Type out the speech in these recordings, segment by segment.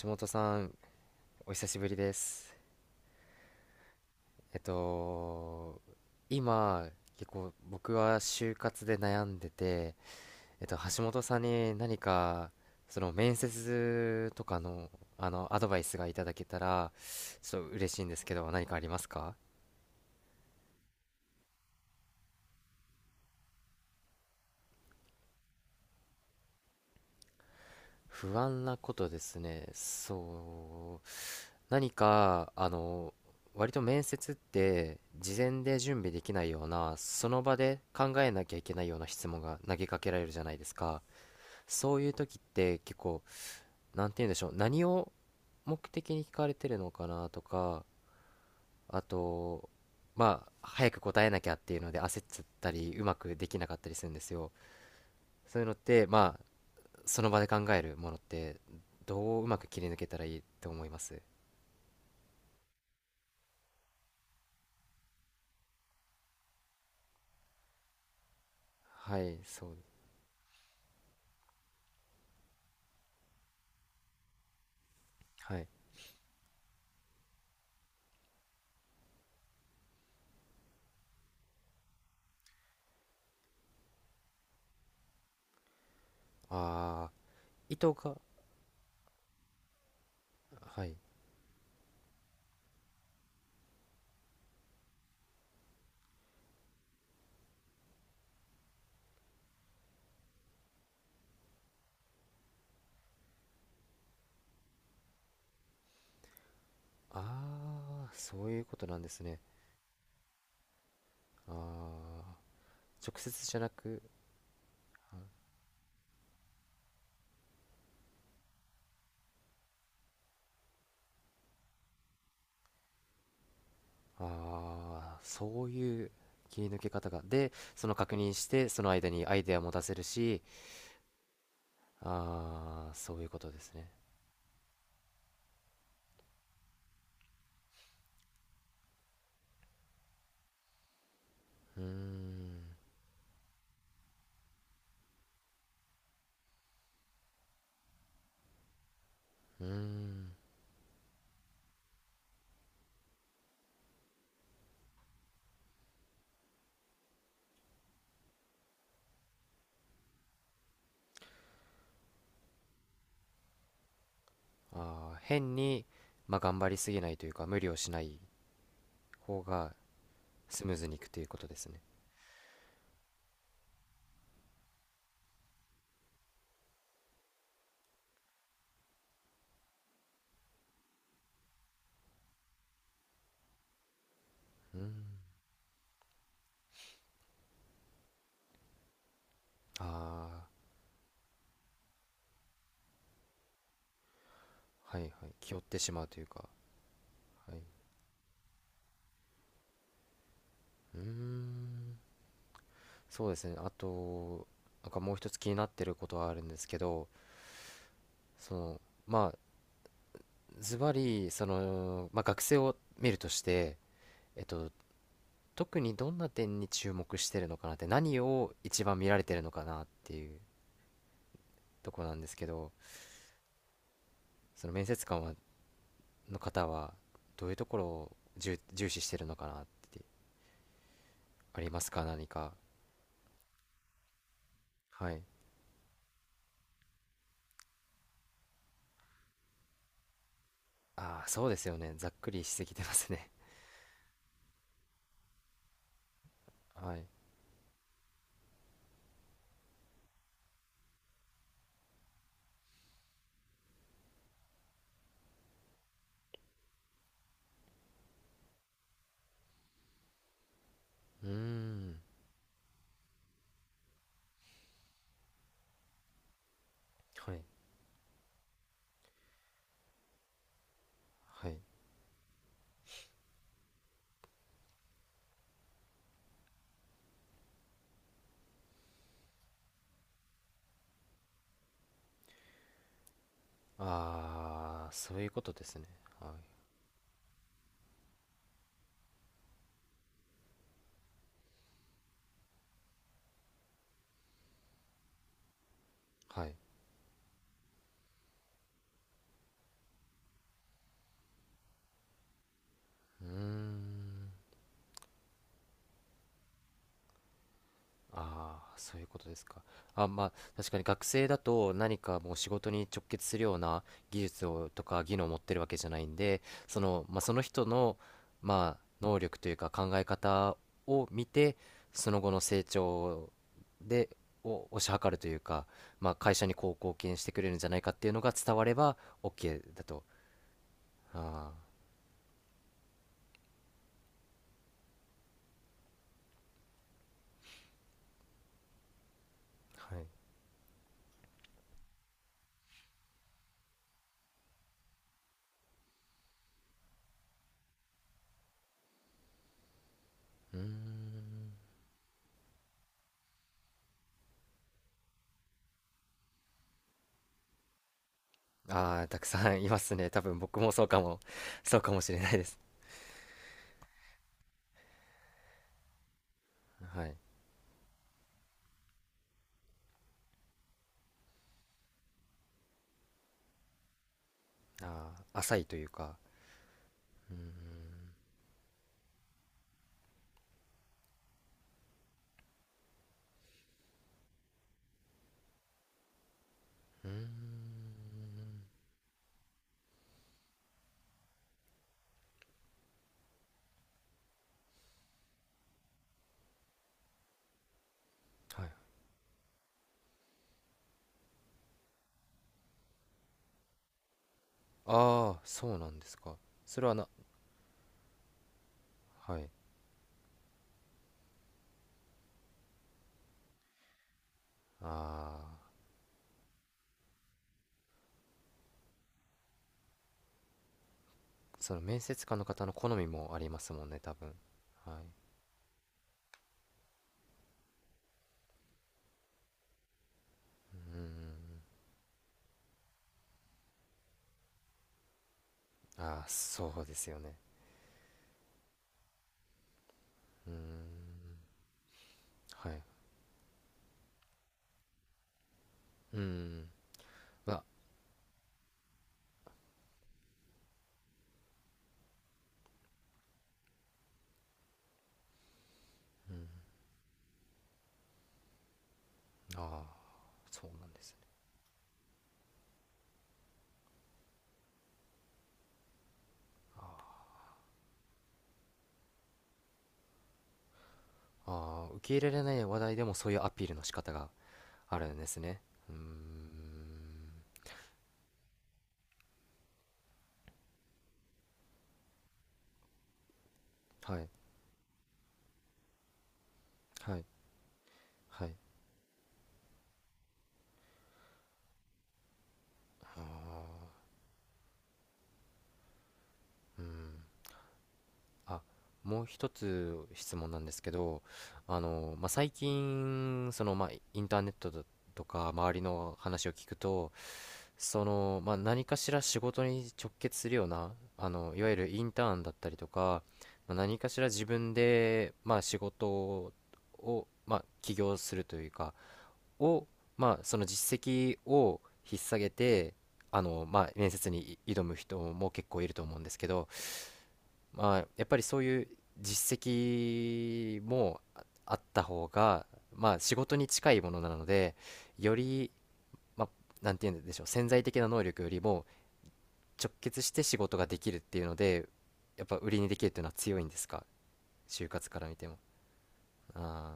橋本さん、お久しぶりです。えっと、今、結構僕は就活で悩んでて、橋本さんに何か、その面接とかの、アドバイスがいただけたら、ちょっと嬉しいんですけど、何かありますか？不安なことですね。そう。何か、割と面接って事前で準備できないような、その場で考えなきゃいけないような質問が投げかけられるじゃないですか。そういう時って結構、なんて言うんでしょう、何を目的に聞かれてるのかなとか、あと、早く答えなきゃっていうので焦っちゃったり、うまくできなかったりするんですよ。そういうのって、その場で考えるものって、どううまく切り抜けたらいいと思います？はい、そう。はい。ああ、意図が、はい。ああ、そういうことなんですね。ああ、直接じゃなく、ああ、そういう切り抜け方が。で、その確認して、その間にアイデアも出せるし、ああ、そういうことですね。うーん、うーん。ああ、変に、頑張りすぎないというか、無理をしない方がスムーズにいくということですね。うーん、ああ、はいはい。気負ってしまうというか、はい。うーん、そうですね。あと、なんかもう一つ気になってることはあるんですけど、その、まあ、ズバリ、その、学生を見るとして、えっと、特にどんな点に注目してるのかなって、何を一番見られてるのかなっていうところなんですけど、その面接官は、の方は、どういうところを重視してるのかなって、ありますか、何か。はい。ああ、そうですよね。ざっくりしすぎてますね。はい。うーん。はい。はい。ああ、そういうことですね。はい。はい。うーん。ああ、そういうことですか。あ、まあ、確かに学生だと何かもう仕事に直結するような技術をとか技能を持ってるわけじゃないんで、その、その人の、能力というか考え方を見て、その後の成長で、を推し量るというか、会社にこう貢献してくれるんじゃないかっていうのが伝われば OK だと。ああ、はい。うーん。ああ、たくさんいますね。多分僕もそうかも、そうかもしれないです。はい。ああ、浅いというか、うん、はい。ああ、そうなんですか。それはな、はい。ああ、その面接官の方の好みもありますもんね、多分。はい。ああ、そうですよね。うーん、はい。うーん、まあ、ああ、そうなんですね。ああ、受け入れられない話題でもそういうアピールの仕方があるんですね。うーん、はい、はい、はい。ああ、うん。あ、もう一つ質問なんですけど、最近、その、インターネットだとか、周りの話を聞くと、その、何かしら仕事に直結するような、いわゆるインターンだったりとか、何かしら自分で、仕事を、起業するというか、を、その実績を引っ提げて、面接に挑む人も結構いると思うんですけど、やっぱりそういう実績もああった方が、仕事に近いものなので、より、まあ、なんて言うんでしょう、潜在的な能力よりも直結して仕事ができるっていうので、やっぱ売りにできるっていうのは強いんですか、就活から見ても。あ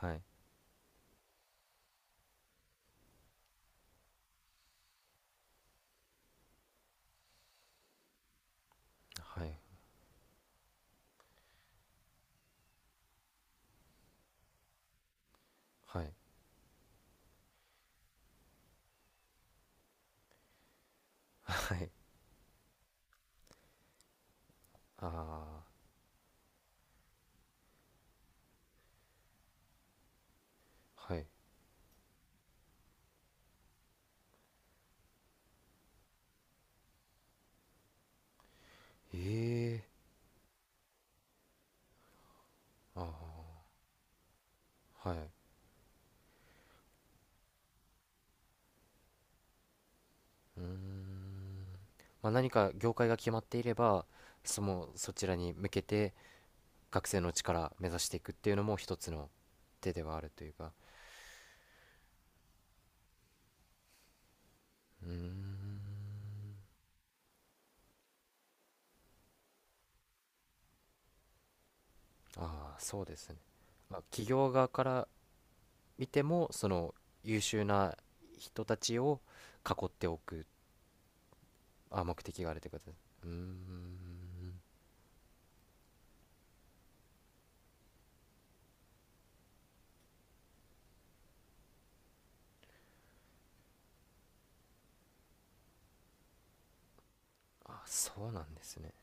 あ、はい、はい、はい、はい、ああ、はい。ええ、ああ、はい。うーん。何か業界が決まっていれば、そのそちらに向けて学生のうちから目指していくっていうのも一つの手ではあるというか。うーん。ああ、そうですね、企業側から見てもその優秀な人たちを囲っておく、あ、目的があるということです。うーん。あ、そうなんですね。